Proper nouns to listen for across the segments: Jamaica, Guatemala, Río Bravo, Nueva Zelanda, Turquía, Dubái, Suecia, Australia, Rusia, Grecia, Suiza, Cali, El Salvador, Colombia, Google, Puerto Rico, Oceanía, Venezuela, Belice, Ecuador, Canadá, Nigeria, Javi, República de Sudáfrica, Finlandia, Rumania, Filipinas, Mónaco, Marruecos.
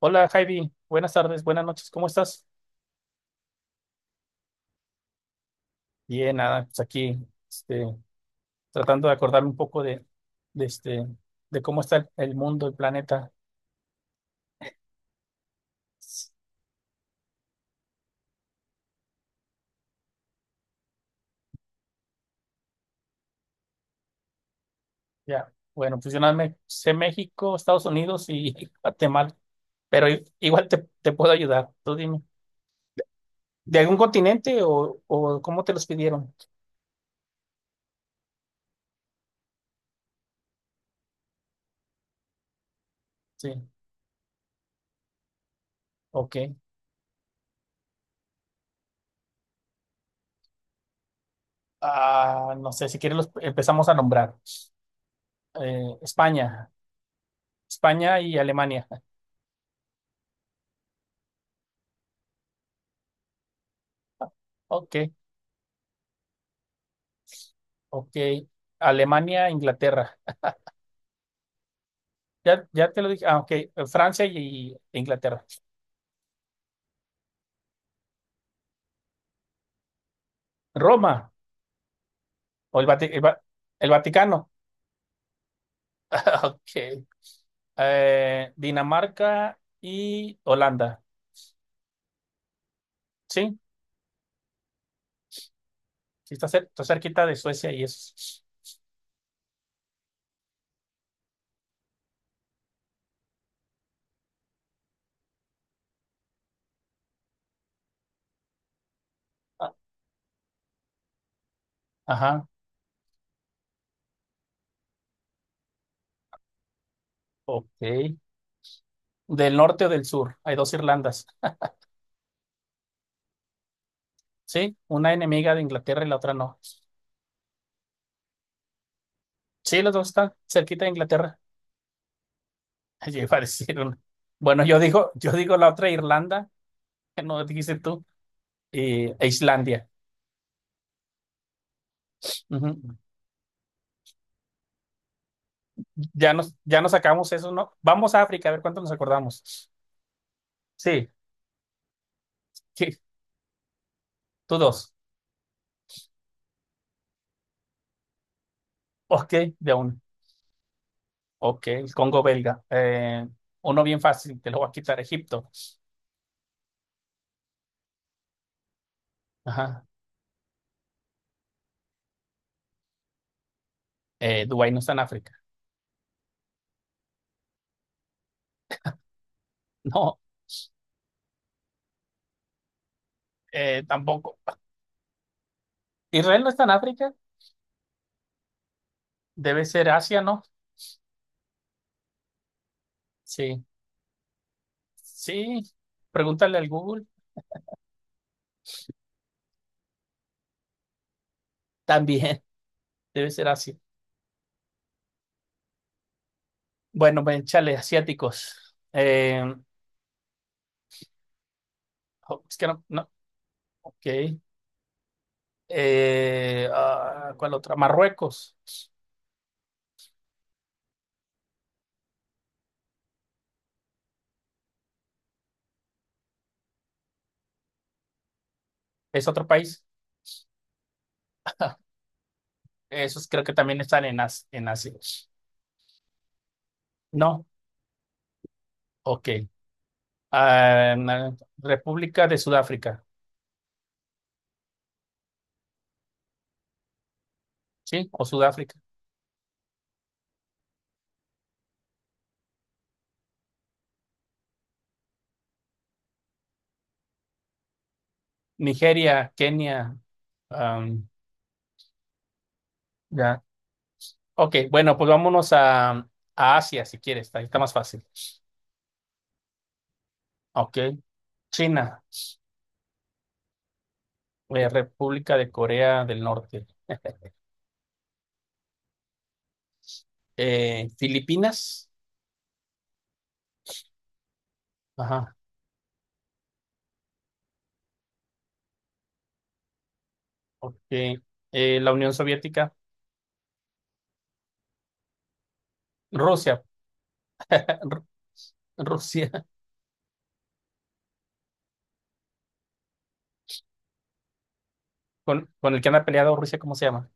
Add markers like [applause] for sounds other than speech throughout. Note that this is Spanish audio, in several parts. Hola Javi, buenas tardes, buenas noches, ¿cómo estás? Bien, nada, pues aquí este, tratando de acordarme un poco de, de cómo está el mundo, el planeta. Ya, bueno, pues yo nada me sé México, Estados Unidos y [laughs] Guatemala, pero igual te puedo ayudar, tú dime. ¿De algún continente o cómo te los pidieron? Sí, ok. Ah, no sé, si quieres los empezamos a nombrar. Eh, España, España y Alemania. Ok, ok. Alemania, Inglaterra. Ya, ya te lo dije. Ah, ok. Francia y Inglaterra. Roma o el Vaticano. [laughs] Ok. Dinamarca y Holanda. Sí, sí está, está cerquita de Suecia y es. ah, Ajá. Ok. ¿Del norte o del sur? Hay dos Irlandas. Sí, una enemiga de Inglaterra y la otra no. Sí, los dos están cerquita de Inglaterra. [laughs] Yo iba a decir una. Bueno, yo digo la otra Irlanda, que no dijiste tú, e Islandia. Ujú. Ya nos sacamos eso, ¿no? Vamos a África, a ver cuánto nos acordamos. Sí, sí, tú dos. Ok, de a uno. Ok, el Congo belga. Uno bien fácil, te lo voy a quitar. Egipto. Ajá. Dubái no está en África. [laughs] No, tampoco. Israel no está en África. Debe ser Asia, ¿no? Sí. Sí. Pregúntale al Google. [laughs] También, debe ser Asia. Bueno, ven, chale, asiáticos. Oh, es que no, no. Ok. ¿Cuál otra? Marruecos. Es otro país. Esos creo que también están en Asia. No, ok. Ah, República de Sudáfrica, ¿sí? O Sudáfrica. Nigeria, Kenia. am, ya. Ok, bueno, pues vámonos a Asia si quieres. Ahí está más fácil. Ok. China, República de Corea del Norte. Filipinas. Ajá. Ok. La Unión Soviética. Rusia. [laughs] Ru- Rusia. [laughs] Con el que anda peleado Rusia, ¿cómo se llama?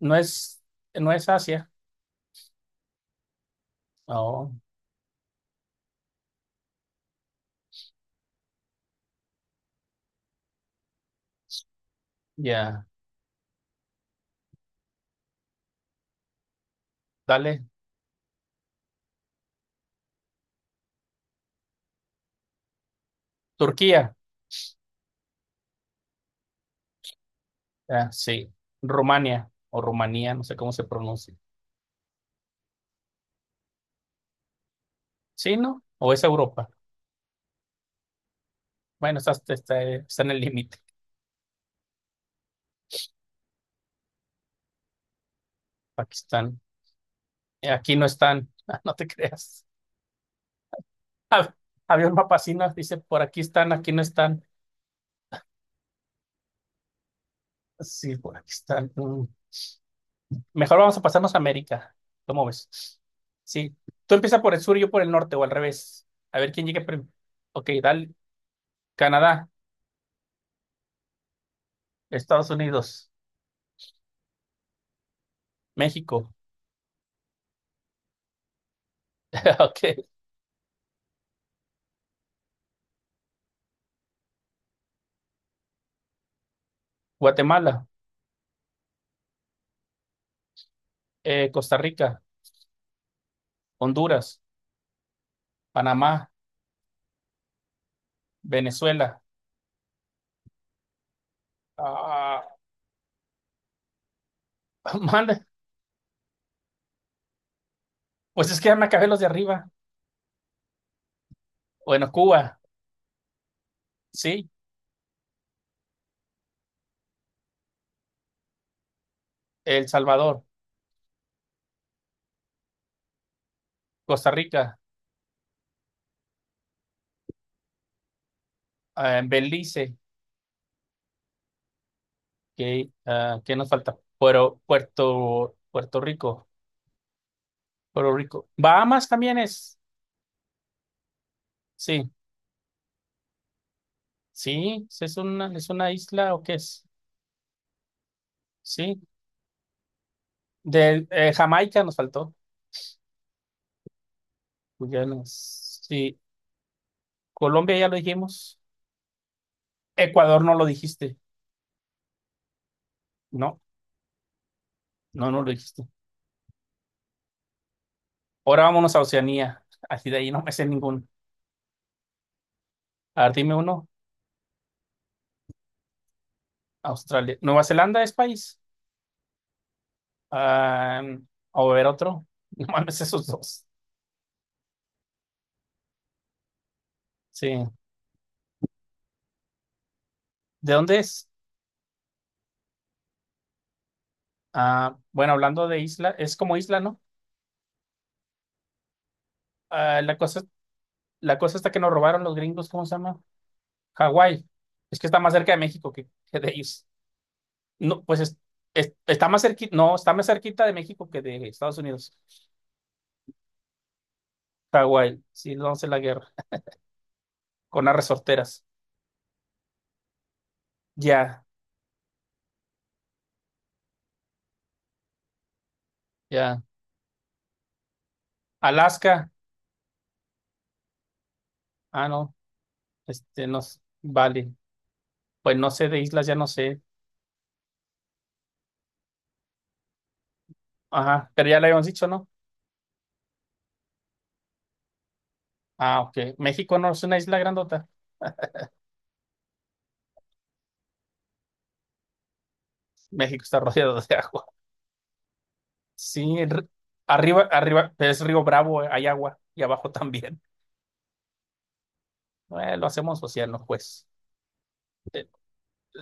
No es, no es Asia. Oh, ya. Dale. Turquía. Ah, sí. Rumania o Rumanía, no sé cómo se pronuncia. ¿Sí, no? ¿O es Europa? Bueno, está en el límite. Pakistán. Aquí no están. [laughs] Ah, no te creas. Hab- Había un mapa así, ¿no? Dice, por aquí están, aquí no están. Sí, por aquí están. Mm. Mejor vamos a pasarnos a América. ¿Cómo ves? Sí. Tú empiezas por el sur y yo por el norte o al revés. A ver quién llegue primero. Ok, dale. Canadá. Estados Unidos, México, [laughs] ok, Guatemala, Costa Rica, Honduras, Panamá, Venezuela. Ah, [laughs] manda, pues es que ya me acabé los de arriba. Bueno, Cuba, sí, El Salvador, Costa Rica, Belice, ¿qué nos falta? Puerto Rico, Puerto Rico. Bahamas también es, sí, sí, sí, es es una isla o qué es, sí. De Jamaica nos faltó. Guyana, sí, Colombia ya lo dijimos. Ecuador no lo dijiste. No, no, no lo dijiste. Ahora vámonos a Oceanía. Así de ahí no me sé ninguno. A ver, dime uno. Australia. ¿Nueva Zelanda es país? Ah, a ver otro. [laughs] No mames, esos dos. Sí. ¿De dónde es? Ah, bueno, hablando de isla, es como isla, ¿no? Ah, la cosa, la cosa está que nos robaron los gringos, ¿cómo se llama? Hawái. Es que está más cerca de México que de ellos. No, pues está más cerquita, no, está más cerquita de México que de Estados Unidos. Está sí, vamos a hacer la guerra. Con las resorteras. Ya, ya. Alaska. Ah, no. No. Vale. Pues no sé de islas, ya no sé. Ajá. Pero ya le habíamos dicho, ¿no? Ah, ok. ¿México no es una isla grandota? México está [laughs] rodeado de agua. Sí, arriba, arriba, pero es Río Bravo, hay agua. Y abajo [laughs] también. Lo hacemos océano, pues. Eh,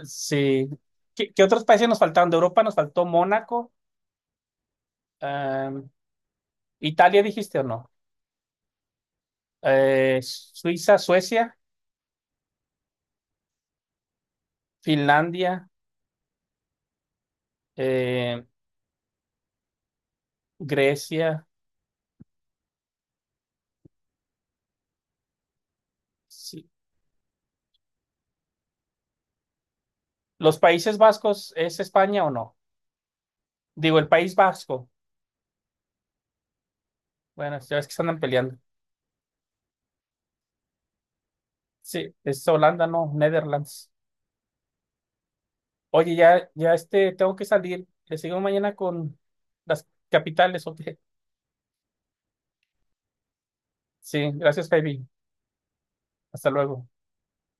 sí. ¿Qué, qué otros países nos faltaron? De Europa nos faltó Mónaco. Em, Italia, ¿dijiste o no? Suiza, Suecia, Finlandia, eh, Grecia. Sí. ¿Los Países Vascos es España o no? Digo, el País Vasco. Bueno, ya ves que se andan peleando. Sí, es Holanda, no, Netherlands. Oye, ya, tengo que salir. Le sigo mañana con las capitales, ok. Sí, gracias, baby. Hasta luego.